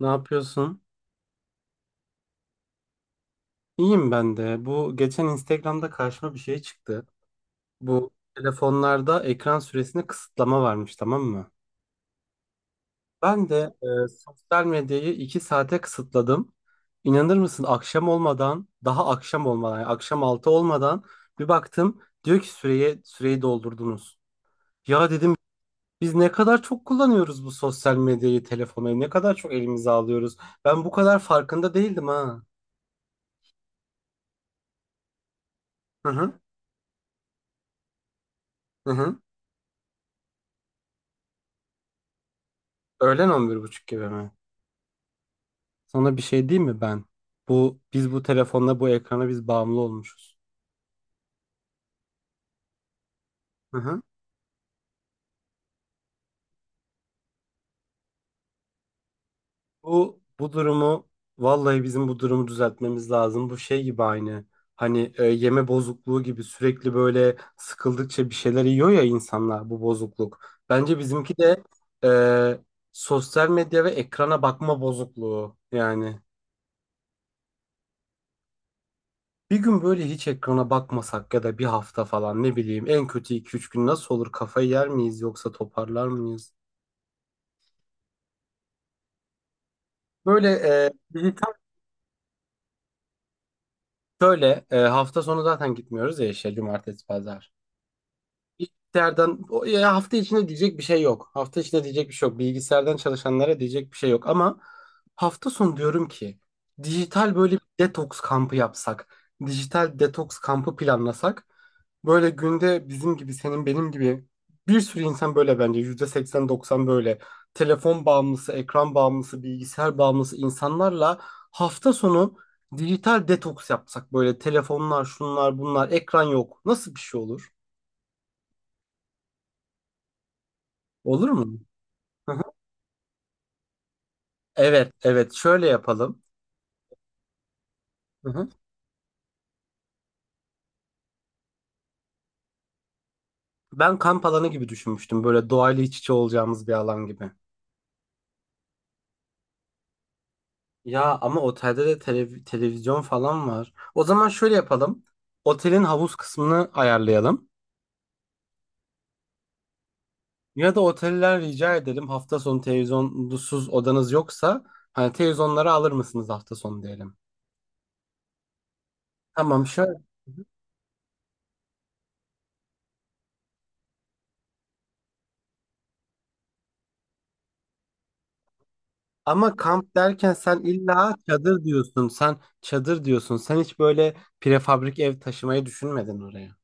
Ne yapıyorsun? İyiyim ben de. Bu geçen Instagram'da karşıma bir şey çıktı. Bu telefonlarda ekran süresine kısıtlama varmış, tamam mı? Ben de sosyal medyayı 2 saate kısıtladım. İnanır mısın? Akşam olmadan, daha akşam olmadan, yani akşam 6 olmadan bir baktım diyor ki süreye süreyi doldurdunuz. Ya dedim biz ne kadar çok kullanıyoruz bu sosyal medyayı, telefonu, ne kadar çok elimize alıyoruz. Ben bu kadar farkında değildim ha. Hı hı. Hı hı. Öğlen on bir buçuk gibi mi? Sana bir şey diyeyim mi ben? Bu biz bu telefonla bu ekrana biz bağımlı olmuşuz. Hı hı. Bu bu durumu vallahi bizim bu durumu düzeltmemiz lazım. Bu şey gibi aynı. Hani yeme bozukluğu gibi sürekli böyle sıkıldıkça bir şeyler yiyor ya insanlar bu bozukluk. Bence bizimki de e, sosyal medya ve ekrana bakma bozukluğu yani. Bir gün böyle hiç ekrana bakmasak ya da bir hafta falan ne bileyim en kötü 2-3 gün nasıl olur? Kafayı yer miyiz yoksa toparlar mıyız? Böyle bizi tam şöyle hafta sonu zaten gitmiyoruz ya işe cumartesi pazar. Bilgisayardan ya hafta içinde diyecek bir şey yok. Hafta içinde diyecek bir şey yok. Bilgisayardan çalışanlara diyecek bir şey yok. Ama hafta sonu diyorum ki dijital böyle bir detoks kampı yapsak. Dijital detoks kampı planlasak. Böyle günde bizim gibi senin benim gibi bir sürü insan böyle bence %80-90 böyle telefon bağımlısı, ekran bağımlısı, bilgisayar bağımlısı insanlarla hafta sonu dijital detoks yapsak böyle telefonlar, şunlar, bunlar, ekran yok. Nasıl bir şey olur? Olur mu? Hı hı. Evet, evet. Şöyle yapalım. Hı hı. Ben kamp alanı gibi düşünmüştüm. Böyle doğayla iç içe olacağımız bir alan gibi. Ya ama otelde de televizyon falan var. O zaman şöyle yapalım. Otelin havuz kısmını ayarlayalım. Ya da oteller rica edelim hafta sonu televizyonsuz odanız yoksa hani televizyonları alır mısınız hafta sonu diyelim. Tamam şöyle. Ama kamp derken sen illa çadır diyorsun. Sen çadır diyorsun. Sen hiç böyle prefabrik ev taşımayı düşünmedin oraya.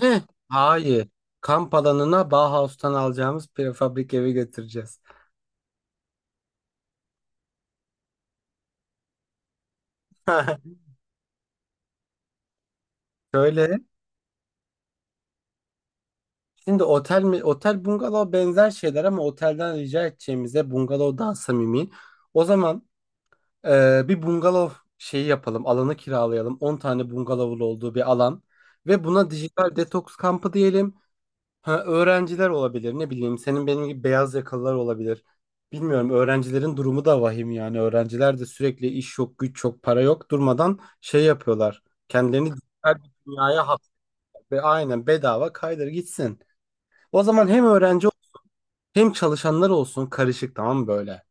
Heh, hayır. Kamp alanına Bauhaus'tan alacağımız prefabrik evi götüreceğiz. Şöyle. Şimdi otel mi? Otel bungalov benzer şeyler ama otelden rica edeceğimize bungalov daha samimi. O zaman bir bungalov şeyi yapalım. Alanı kiralayalım. 10 tane bungalovun olduğu bir alan. Ve buna dijital detoks kampı diyelim. Ha, öğrenciler olabilir ne bileyim senin benim gibi beyaz yakalılar olabilir. Bilmiyorum öğrencilerin durumu da vahim yani öğrenciler de sürekli iş yok güç yok para yok durmadan şey yapıyorlar. Kendilerini dijital bir dünyaya hapsediyor ve aynen bedava kaydır gitsin. O zaman hem öğrenci hem çalışanlar olsun karışık tamam mı böyle?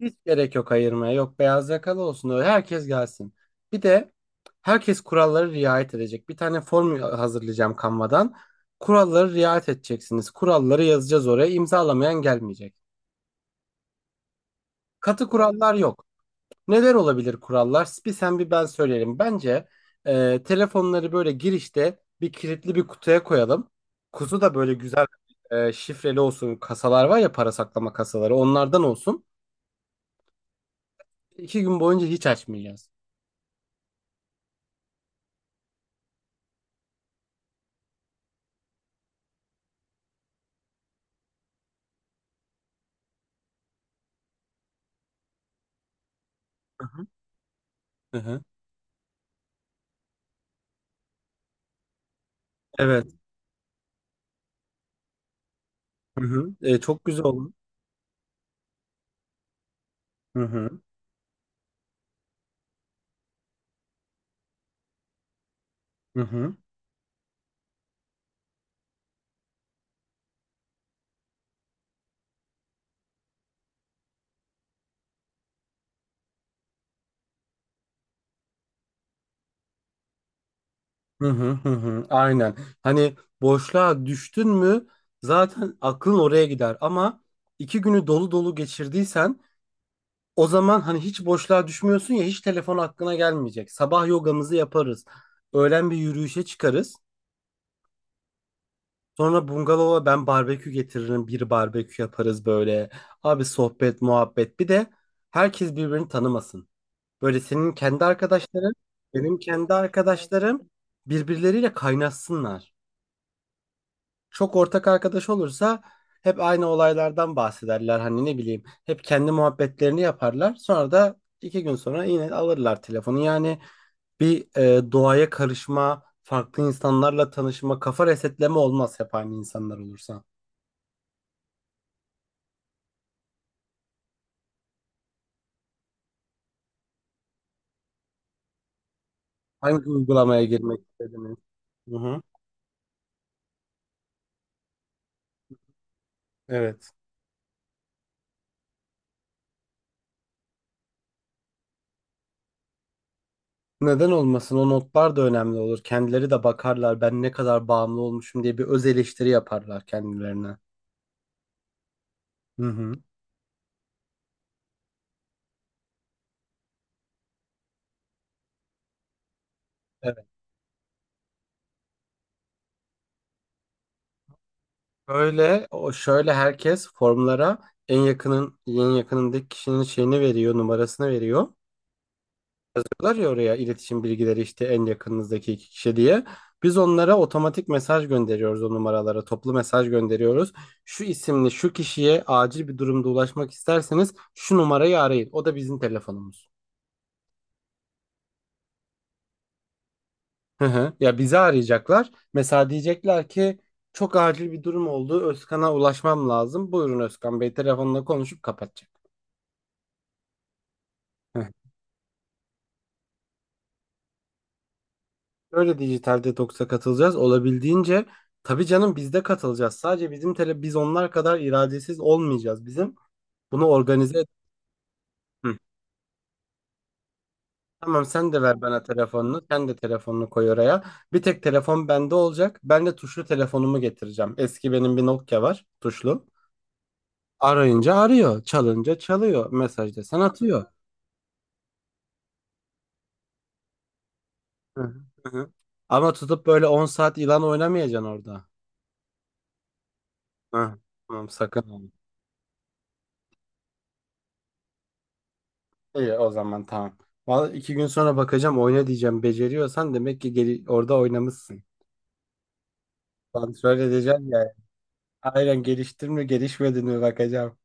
Hiç gerek yok ayırmaya. Yok beyaz yakalı olsun öyle. Herkes gelsin. Bir de herkes kurallara riayet edecek. Bir tane form hazırlayacağım Canva'dan. Kurallara riayet edeceksiniz. Kuralları yazacağız oraya. İmzalamayan gelmeyecek. Katı kurallar yok. Neler olabilir kurallar? Bir sen bir ben söyleyelim. Bence telefonları böyle girişte bir kilitli bir kutuya koyalım. Kutu da böyle güzel şifreli olsun. Kasalar var ya para saklama kasaları. Onlardan olsun. 2 gün boyunca hiç açmayacağız. Hı-hı. Hı-hı. Evet. Hı-hı. E, çok güzel oldu. Hı-hı. Hı-hı. Hı-hı. Hı-hı. Aynen. Hani boşluğa düştün mü zaten aklın oraya gider. Ama 2 günü dolu dolu geçirdiysen o zaman hani hiç boşluğa düşmüyorsun ya hiç telefon aklına gelmeyecek. Sabah yogamızı yaparız. Öğlen bir yürüyüşe çıkarız. Sonra bungalova ben barbekü getiririm. Bir barbekü yaparız böyle. Abi sohbet, muhabbet. Bir de herkes birbirini tanımasın. Böyle senin kendi arkadaşların, benim kendi arkadaşlarım birbirleriyle kaynaşsınlar. Çok ortak arkadaş olursa hep aynı olaylardan bahsederler. Hani ne bileyim hep kendi muhabbetlerini yaparlar. Sonra da 2 gün sonra yine alırlar telefonu. Yani bir doğaya karışma, farklı insanlarla tanışma, kafa resetleme olmaz hep aynı insanlar olursa. Hangi uygulamaya girmek istediniz? Hı hı. Evet. Neden olmasın? O notlar da önemli olur. Kendileri de bakarlar ben ne kadar bağımlı olmuşum diye bir öz eleştiri yaparlar kendilerine. Hı hı. Evet. Böyle şöyle herkes formlara en yakının en yakınındaki kişinin şeyini veriyor, numarasını veriyor. Var ya oraya iletişim bilgileri işte en yakınınızdaki iki kişi diye. Biz onlara otomatik mesaj gönderiyoruz o numaralara. Toplu mesaj gönderiyoruz. Şu isimli şu kişiye acil bir durumda ulaşmak isterseniz şu numarayı arayın. O da bizim telefonumuz. Hı hı. Ya bizi arayacaklar. Mesela diyecekler ki çok acil bir durum oldu. Özkan'a ulaşmam lazım. Buyurun Özkan Bey telefonla konuşup kapatacak. Şöyle dijital detoksa katılacağız. Olabildiğince tabii canım biz de katılacağız. Sadece bizim biz onlar kadar iradesiz olmayacağız. Bizim bunu organize et. Hı. Tamam sen de ver bana telefonunu. Sen de telefonunu koy oraya. Bir tek telefon bende olacak. Ben de tuşlu telefonumu getireceğim. Eski benim bir Nokia var tuşlu. Arayınca arıyor. Çalınca çalıyor. Mesaj desen atıyor. Hı hı. Hı hı. Ama tutup böyle 10 saat ilan oynamayacaksın orada. Hı. Tamam sakın. İyi o zaman tamam. Vallahi 2 gün sonra bakacağım oyna diyeceğim. Beceriyorsan demek ki orada oynamışsın. Kontrol edeceğim ya. Aynen geliştin mi gelişmedin mi bakacağım.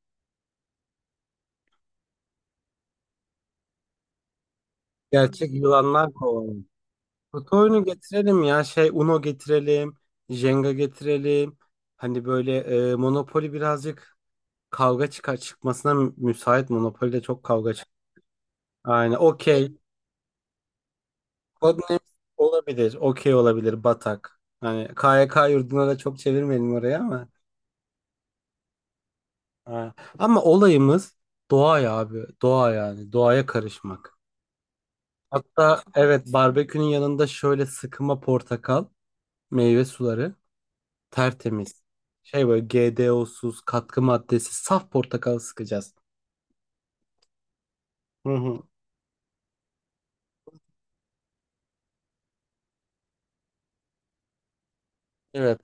Gerçek yılanlar kovalayalım. Kutu oyunu getirelim ya. Şey Uno getirelim. Jenga getirelim. Hani böyle Monopoly birazcık kavga çıkar çıkmasına müsait. Monopoly'de çok kavga çıkar. Aynen okey. Codenames olabilir. Okey olabilir. Batak. Hani KYK yurduna da çok çevirmeyelim oraya ama. Ha. Ama olayımız doğa ya abi. Doğa yani. Doğaya karışmak. Hatta evet barbekünün yanında şöyle sıkıma portakal, meyve suları tertemiz. Şey böyle GDO'suz, katkı maddesi, saf portakal sıkacağız. Hı hı. Evet.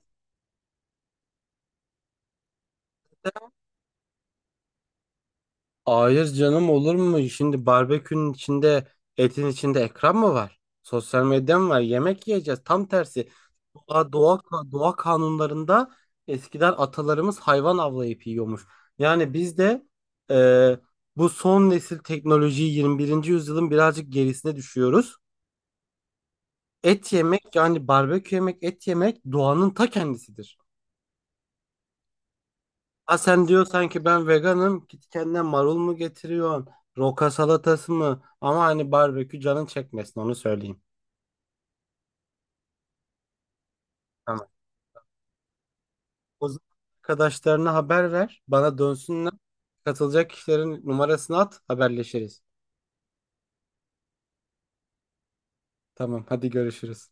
Hayır canım olur mu? Şimdi barbekünün içinde etin içinde ekran mı var? Sosyal medya mı var? Yemek yiyeceğiz. Tam tersi. Doğa, doğa, doğa kanunlarında eskiden atalarımız hayvan avlayıp yiyormuş. Yani biz de e, bu son nesil teknolojiyi 21. yüzyılın birazcık gerisine düşüyoruz. Et yemek yani barbekü yemek et yemek doğanın ta kendisidir. Ha sen diyor sanki ben veganım. Git kendine marul mu getiriyorsun? Roka salatası mı? Ama hani barbekü canın çekmesin onu söyleyeyim. Tamam. O zaman arkadaşlarına haber ver. Bana dönsünler. Katılacak kişilerin numarasını at. Haberleşiriz. Tamam hadi görüşürüz.